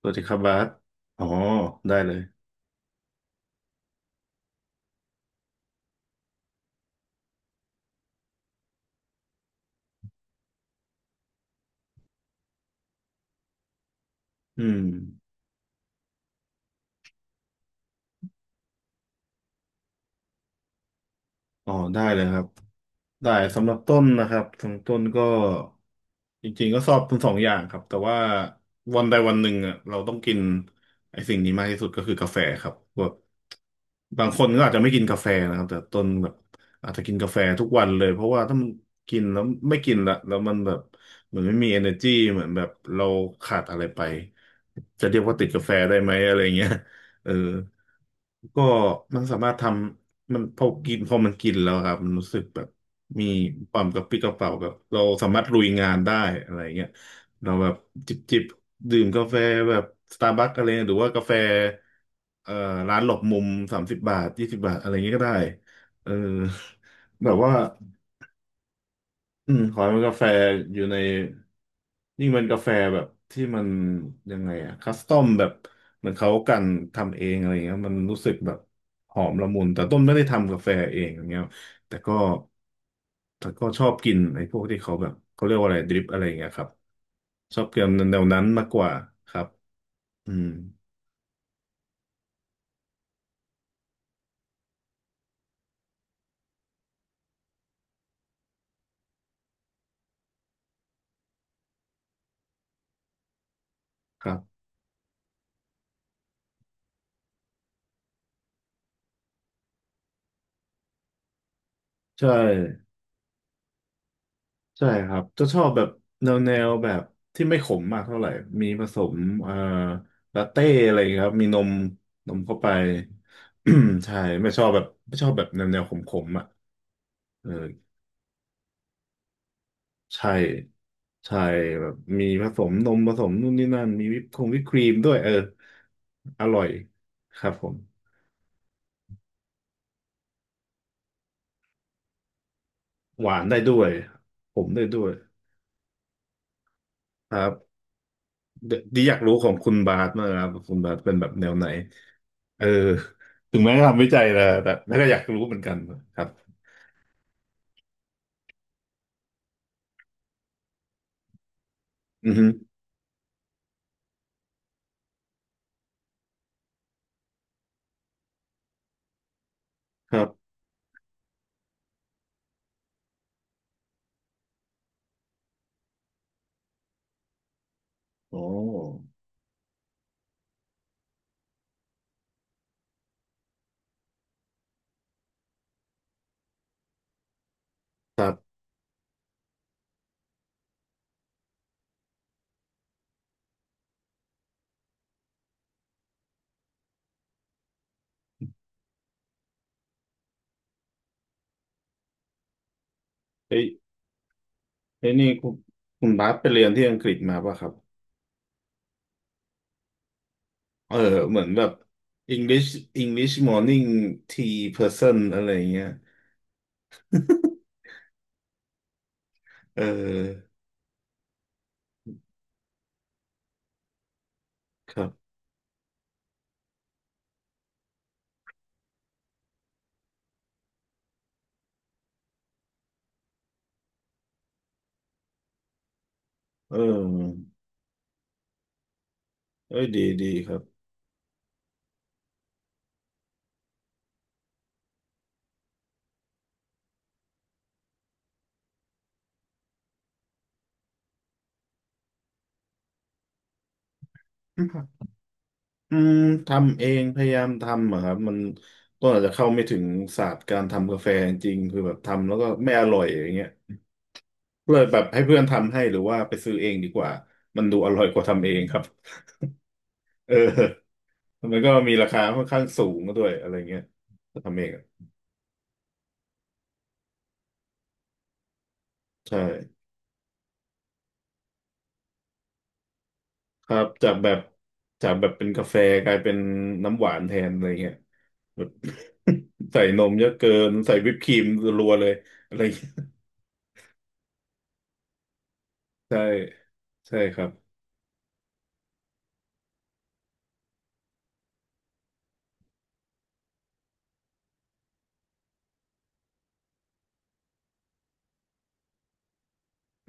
สวัสดีครับบาสอ๋อได้เลยอืมอ๋อได้เลยครับได้สำหรับต้นนะครับสำหรับต้นก็จริงๆก็ชอบทั้งสองอย่างครับแต่ว่าวันใดวันหนึ่งอ่ะเราต้องกินไอ้สิ่งนี้มากที่สุดก็คือกาแฟครับแบบบางคนก็อาจจะไม่กินกาแฟนะครับแต่ต้นแบบอาจจะกินกาแฟทุกวันเลยเพราะว่าถ้ามันกินแล้วไม่กินละแล้วมันแบบเหมือนไม่มี energy เหมือนแบบเราขาดอะไรไปจะเรียกว่าติดกาแฟได้ไหมอะไรเงี้ย เออก็มันสามารถทำมันพอกินพอมันกินแล้วครับมันรู้สึกแบบมีความกระปรี้กระเปร่าแบบเราสามารถลุยงานได้อะไรเงี้ยเราแบบจิบจิบดื่มกาแฟแบบสตาร์บัคอะไรหรือว่ากาแฟเอ่อร้านหลบมุม30 บาท20 บาทอะไรเงี้ยก็ได้เออแบบว่า อืมขอให้มันกาแฟอยู่ในยิ่งเป็นกาแฟแบบที่มันยังไงอะคัสตอมแบบเหมือนเขากันทำเองอะไรเงี้ยมันรู้สึกแบบหอมละมุน แต่ต้นไม่ได้ทำกาแฟเองอย่างเงี้ยแต่ก็แต่ก็ชอบกินไอ้พวกที่เขาแบบเขาเรียกว่าอะไรดริปอะไรเงี้ยครับชอบกินแนวนั้นมากกว่าครับอืมครับใช่ ใช่ครับจะชอบแบบแนวแนวแบบที่ไม่ขมมากเท่าไหร่มีผสมเอ่อลาเต้อะไรอย่างเงี้ยครับมีนมนมเข้าไป ใช่ไม่ชอบแบบไม่ชอบแบบแนวแนวขมๆอ่ะเออใช่ใช่แบบมีผสมนมผสมนู่นนี่นั่นมีวิปคงวิปครีมด้วยเอออร่อยครับผมหวานได้ด้วยผมได้ด้วยครับเดียวดีอยากรู้ของคุณบาสมากครับคุณบาสเป็นแบบแนวไหน เออถึงแม้ทำวิจัยแล้วแต่แม่ก็อยากรู้เหมือนกันครับอือฮึครับโอ้ครับเอ้ยเอ้ยนี่คุณคุณบาสไปเรียนที่อังกฤษมาป่ะครับเออเหมือนแบบ English English morning tea person อะไรอย่างเงี้ย เออครับเออเอ้ยดีดีครับอืมทำเองพยายามทำอะครับมันก็อาจจะเข้าไม่ถึงศาสตร์การทำกาแฟจริงๆคือแบบทำแล้วก็ไม่อร่อยอย่างเงี้ย เลยแบบให้เพื่อนทำให้หรือว่าไปซื้อเองดีกว่ามันดูอร่อยกว่าทำเองครับเออมันก็มีราคาค่อนข้างสูงด้วยอะไรเงี้ยถ้าทำเองอะใช่ครับจากแบบจากแบบเป็นกาแฟกลายเป็นน้ำหวานแทนอะไรเงี้ย แบบ ใส่นมเยอะเกินใส่วิปครีมรัวๆเลยอะไรเงี้ยใช่ใช่ครับ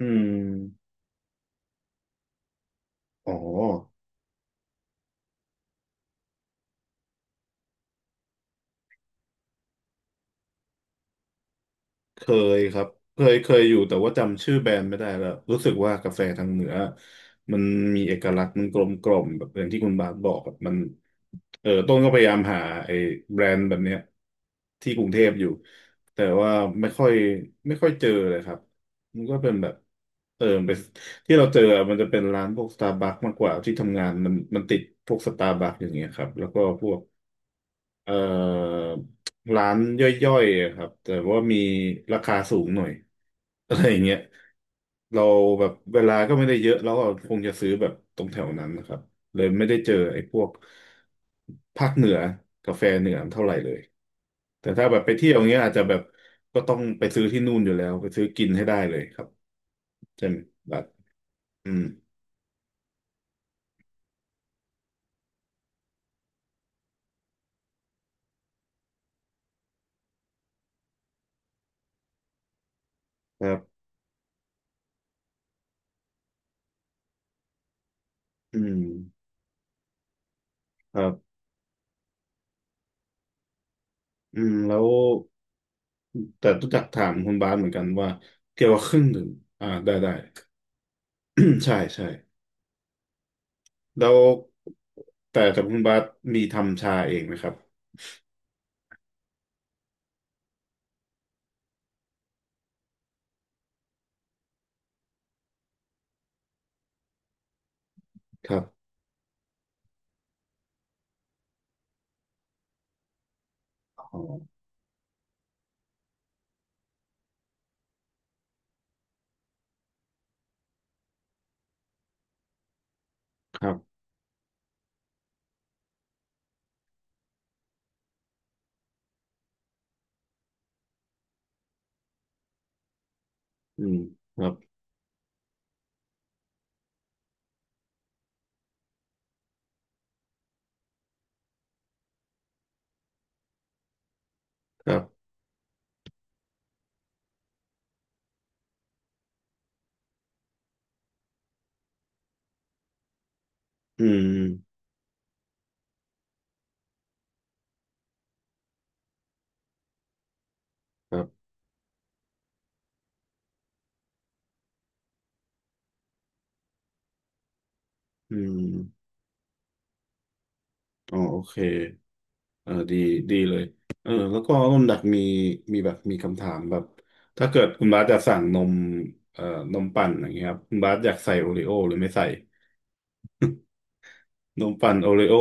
อืมอ๋อ เคยครับเคยเคยอยู่แต่ว่าจำชื่อแบรนด์ไม่ได้แล้วรู้สึกว่ากาแฟทางเหนือมันมีเอกลักษณ์มันกลมกล่อมแบบอย่างที่คุณบาสบอกแบบมันเออต้นก็พยายามหาไอ้แบรนด์แบบเนี้ยที่กรุงเทพอยู่แต่ว่าไม่ค่อยไม่ค่อยเจอเลยครับมันก็เป็นแบบเออเป็นที่เราเจออะมันจะเป็นร้านพวกสตาร์บัคมากกว่าที่ทำงานมันมันติดพวกสตาร์บัคอย่างเงี้ยครับแล้วก็พวก เอ่อร้านย่อยๆอะครับแต่ว่ามีราคาสูงหน่อย อะไรอย่างเงี้ยเราแบบเวลาก็ไม่ได้เยอะแล้วก็คงจะซื้อแบบตรงแถวนั้นนะครับเลยไม่ได้เจอไอ้พวกภาคเหนือกาแฟเหนือเท่าไหร่เลยแต่ถ้าแบบไปเที่ยวอย่างเงี้ยอาจจะแบบก็ต้องไปซื้อที่นู่นอยู่แล้วไปซื้อกินให้ได้เลยครับใช่ไหมแบบอืมครับอืมครับอืมแล้ว แต่รู้จักถามคุณบาสเหมือนกันว่าเกี่ยวกับเครื่องดื่มอ่าได้ได้ ใช่ใช่แล้วแต่แต่คุณบาสมีทำชาเองไหมครับครับอ๋อครับอืมครับครับอืมครับอืมอ๋อโอเคเออดีดีเลยเออแล้วก็ต้นดักมีมีแบบมีคำถามแบบถ้าเกิดคุณบาสจะสั่งนมเอ่อนมปั่นอย่างเงี้ยครับคุณบาสอยากใส่โอรีโอหรือไม่ใส่ นมปั่นโอเรโอ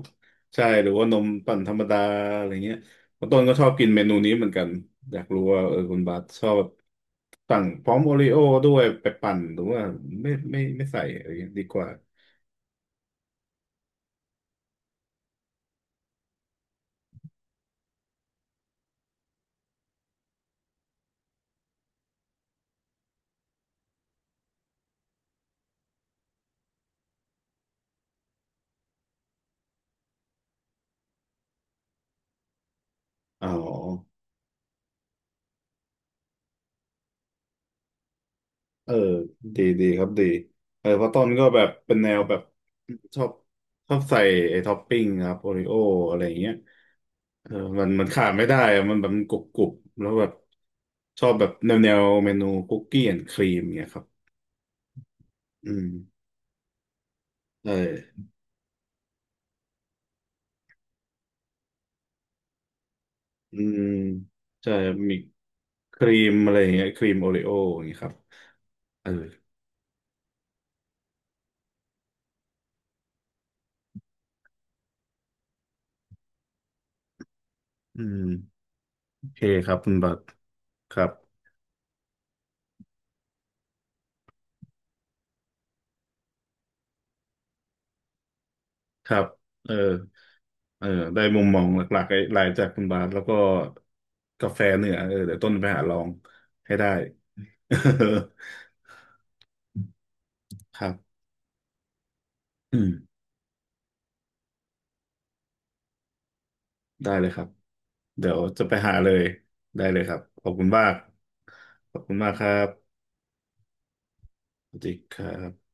ใช่หรือว่านมปั่นธรรมดาอะไรเงี้ยคุณต้นก็ชอบกินเมนูนี้เหมือนกันอยากรู้ว่าเออคุณบาสชอบสั่งพร้อมโอเรโอด้วยไปปั่นหรือว่าไม่ไม่ไม่ใส่อะไรเงี้ยดีกว่าอ๋อเออดีดีครับดีเออเพราะต้นก็แบบเป็นแนวแบบชอบชอบใส่ไอ้ท็อปปิ้งครับโอริโออะไรอย่างเงี้ยเออมันมันขาดไม่ได้อะมันแบบมันกรุบกรุบแล้วแบบชอบแบบแนวแนวเมนูคุกกี้แอนด์ครีมเงี้ยครับ อืมใช่อืมใช่มีครีมอะไรอย่างเงี้ยครีมโอริโออย่างงี้ครับเอออืมโอเคครับคุณบัตรครับครับเออเออได้มุมมองหลักๆไอ้หลายจากคุณบาทแล้วก็กาแฟเหนือเออเดี๋ยวต้นไปหาลองให้ได้ ครับอืมได้เลยครับเดี๋ยวจะไปหาเลยได้เลยครับขอบคุณมากขอบคุณมากครับสวัสดีครับ